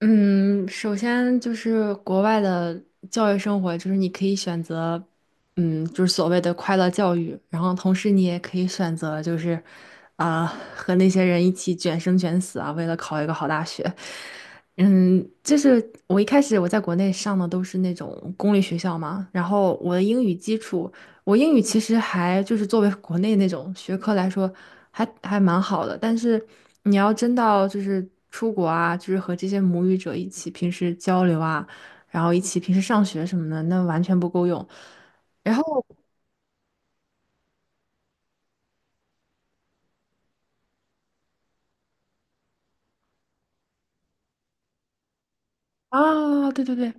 嗯，首先就是国外的教育生活，就是你可以选择，就是所谓的快乐教育，然后同时你也可以选择，就是啊、和那些人一起卷生卷死啊，为了考一个好大学。就是我一开始在国内上的都是那种公立学校嘛，然后我的英语基础。我英语其实还就是作为国内那种学科来说还蛮好的。但是你要真到就是出国啊，就是和这些母语者一起平时交流啊，然后一起平时上学什么的，那完全不够用。然后啊，对对对，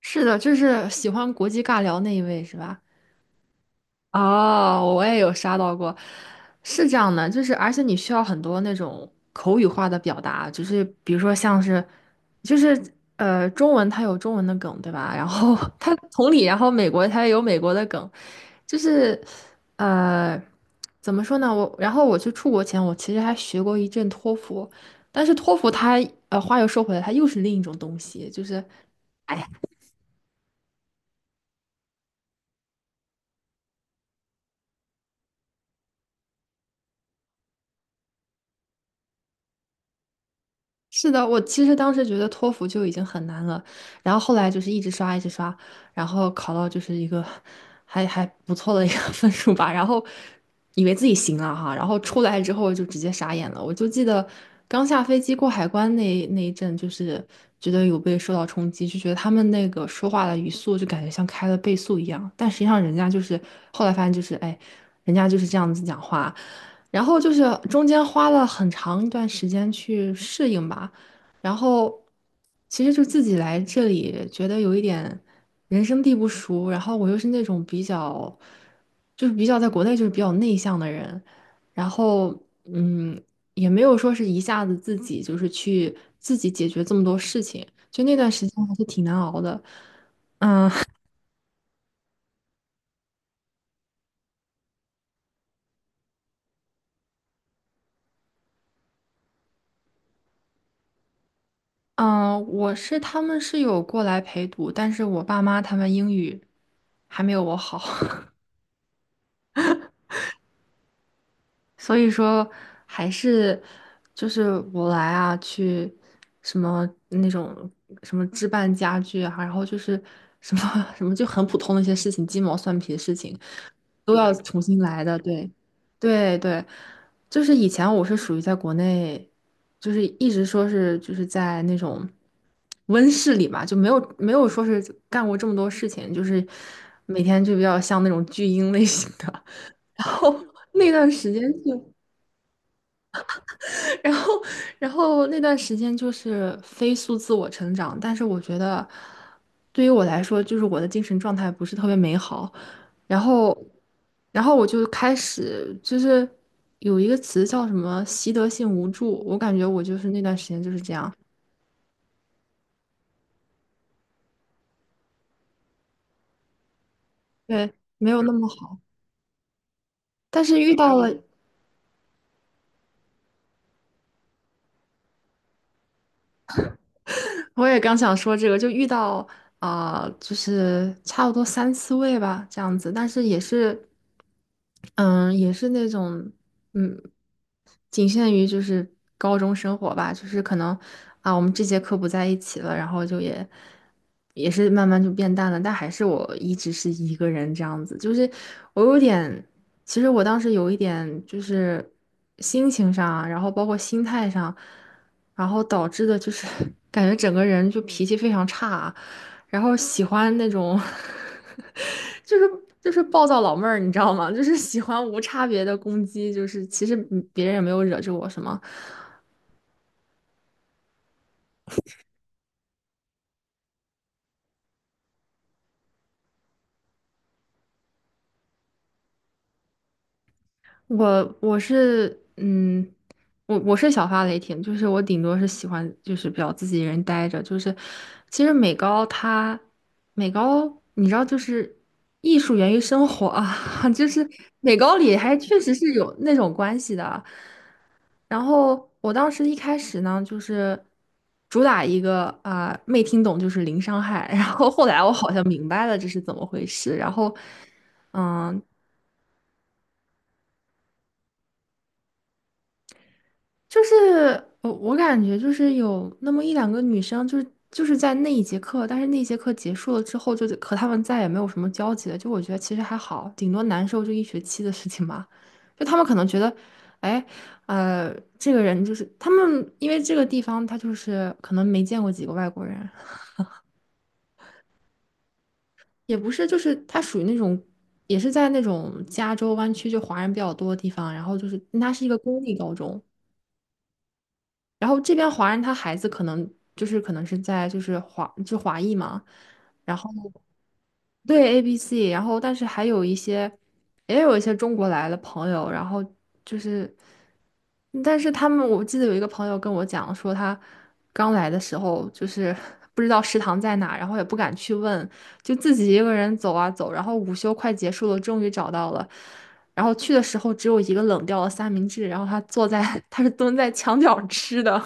是的，就是喜欢国际尬聊那一位是吧？哦，我也有刷到过，是这样的，就是而且你需要很多那种口语化的表达，就是比如说像是，就是中文它有中文的梗，对吧？然后 它同理，然后美国它也有美国的梗，就是呃，怎么说呢？然后我去出国前，我其实还学过一阵托福，但是托福它话又说回来，它又是另一种东西，就是。哎是的，我其实当时觉得托福就已经很难了，然后后来就是一直刷，一直刷，然后考到就是一个还不错的一个 分数吧，然后以为自己行了哈，然后出来之后就直接傻眼了。我就记得刚下飞机过海关那一阵，就是觉得有被受到冲击，就觉得他们那个说话的语速就感觉像开了倍速一样，但实际上人家就是后来发现就是哎，人家就是这样子讲话。然后就是中间花了很长一段时间去适应吧，然后其实就自己来这里觉得有一点人生地不熟，然后我又是那种比较就是比较在国内就是比较内向的人，然后嗯也没有说是一下子自己就是去自己解决这么多事情，就那段时间还是挺难熬的。嗯，我是他们是有过来陪读，但是我爸妈他们英语还没有我好。所以说还是就是我来啊，去什么那种什么置办家具啊，然后就是什么 什么就很普通的一些事情，鸡毛蒜皮的事情都要重新来的。对，对对，就是以前我是属于在国内，就是一直说是就是在那种温室里嘛，就没有说是干过这么多事情，就是每天就比较像那种巨婴类型的。然后那段时间是，然后，然后那段时间就是飞速自我成长，但是我觉得，对于我来说，就是我的精神状态不是特别美好。然后，然后我就开始就是有一个词叫什么习得性无助，我感觉我就是那段时间就是这样，对，没有那么好。但是遇到了，我也刚想说这个，就遇到就是差不多三四位吧，这样子，但是也是。嗯，也是那种，嗯，仅限于就是高中生活吧，就是可能啊，我们这节课不在一起了，然后就也是慢慢就变淡了，但还是我一直是一个人这样子，就是我有点，其实我当时有一点就是心情上啊然后包括心态上，然后导致的就是 感觉整个人就脾气非常差啊然后喜欢那种 就是就是暴躁老妹儿，你知道吗？就是喜欢无差别的攻击，就是其实别人也没有惹着我什么，我是我是小发雷霆，就是我顶多是喜欢就是比较自己一人待着，就是其实美高你知道就是艺术源于生活啊，就是美高里还确实是有那种关系的。然后我当时一开始呢，就是主打一个没听懂就是零伤害，然后后来我好像明白了这是怎么回事，然后嗯、就是我感觉就是有那么一两个女生，就是在那一节课，但是那一节课结束了之后，就和他们再也没有什么交集了。就我觉得其实还好，顶多难受就一学期的事情吧。就他们可能觉得，哎，呃，这个人就是他们，因为这个地方他就是可能没见过几个外国人，也不是，就是他属于那种。也是在那种加州湾区，就华人比较多的地方，然后就是它是一个公立高中，然后这边华人他孩子可能就是可能是在就是华裔嘛，然后对 ABC，然后但是还有一些也有一些中国来的朋友，然后就是但是他们我记得有一个朋友跟我讲说他刚来的时候就是 不知道食堂在哪，然后也不敢去问，就自己一个人走啊走，然后午休快结束了，终于找到了。然后去的时候只有一个冷掉的三明治，然后他坐在，他是蹲在墙角吃的。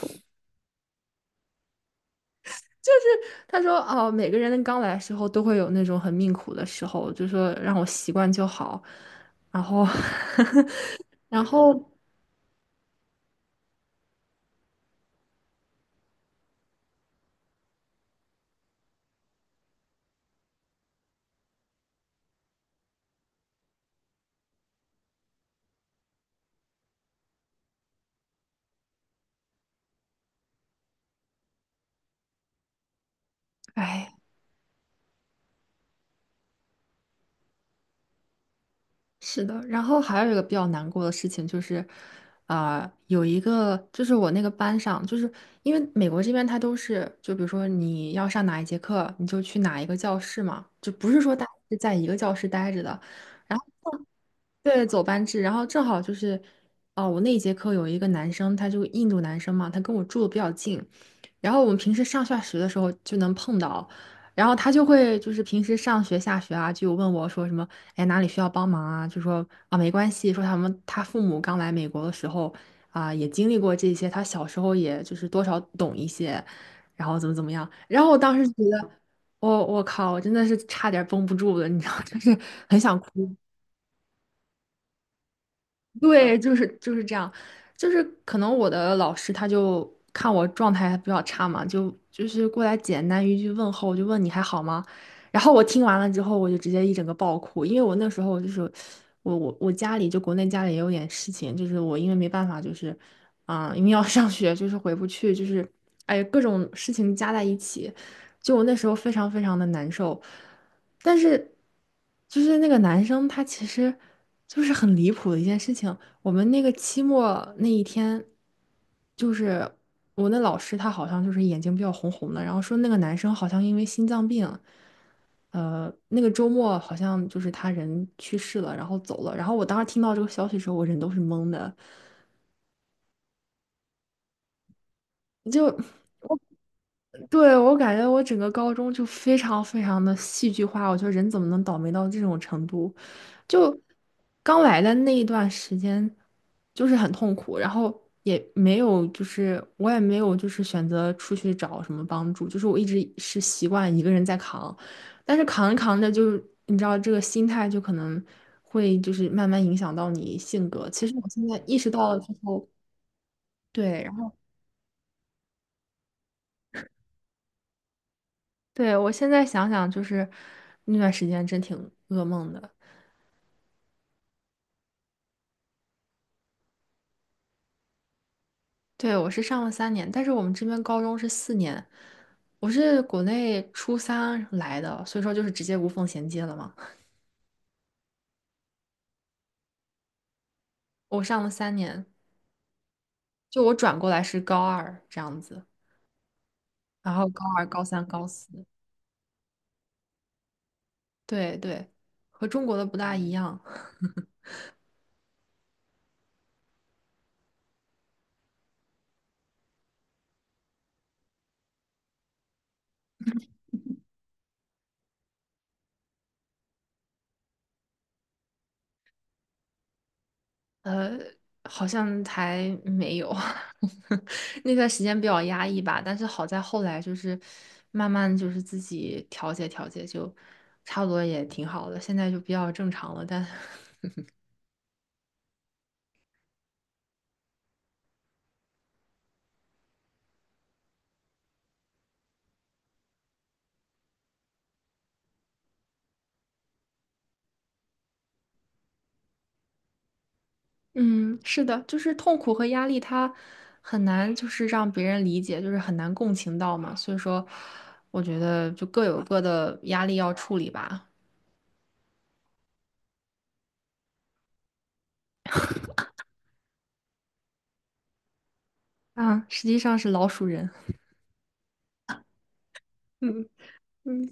他说：“哦，每个人刚来的时候都会有那种很命苦的时候，就说让我习惯就好。然后，然后，哎，是的。然后还有一个比较难过的事情就是，有一个就是我那个班上，就是因为美国这边他都是，就比如说你要上哪一节课，你就去哪一个教室嘛，就不是说大家是在一个教室待着的。然后。”对，走班制，然后正好就是，哦，我那一节课有一个男生，他就印度男生嘛，他跟我住的比较近，然后我们平时上下学的时候就能碰到，然后他就会就是平时上学下学啊，就问我说什么，哎，哪里需要帮忙啊？就说啊，没关系，说他父母刚来美国的时候啊，也经历过这些，他小时候也就是多少懂一些，然后怎么怎么样，然后我当时觉得，我靠，我真的是差点绷不住了，你知道，就是很想哭。对，就是这样，就是可能我的老师他就看我状态比较差嘛，就是过来简单一句问候，就问你还好吗？然后我听完了之后，我就直接一整个爆哭，因为我那时候就是我家里就国内家里也有点事情，就是我因为没办法就是因为要上学就是回不去，就是哎各种事情加在一起，就我那时候非常非常的难受。但是就是那个男生他其实就是很离谱的一件事情。我们那个期末那一天，就是我那老师他好像就是眼睛比较红红的，然后说那个男生好像因为心脏病，那个周末好像就是他人去世了，然后走了。然后我当时听到这个消息的时候，我人都是懵的。就。对，我感觉我整个高中就非常非常的戏剧化，我觉得人怎么能倒霉到这种程度？就刚来的那一段时间，就是很痛苦，然后也没有，就是我也没有，就是选择出去找什么帮助，就是我一直是习惯一个人在扛，但是扛着扛着就，你知道这个心态就可能会就是慢慢影响到你性格。其实我现在意识到了之后，对。对，我现在想想，就是那段时间真挺噩梦的。对，我是上了三年，但是我们这边高中是4年，我是国内初三来的，所以说就是直接无缝衔接了嘛。我上了三年，就我转过来是高二这样子，然后高二、高三、高四，对对，和中国的不大一样。好像还没有，那段时间比较压抑吧。但是好在后来就是慢慢就是自己调节调节，就差不多也挺好的。现在就比较正常了。但 嗯，是的，就是痛苦和压力，它很难就是让别人理解，就是很难共情到嘛。所以说，我觉得就各有各的压力要处理吧。啊，实际上是老鼠人。嗯嗯，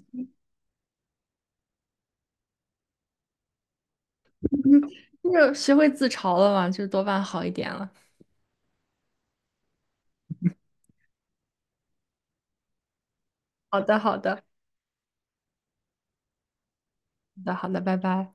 就学会自嘲了嘛，就多半好一点了。好的，好的。好的，好的，拜拜。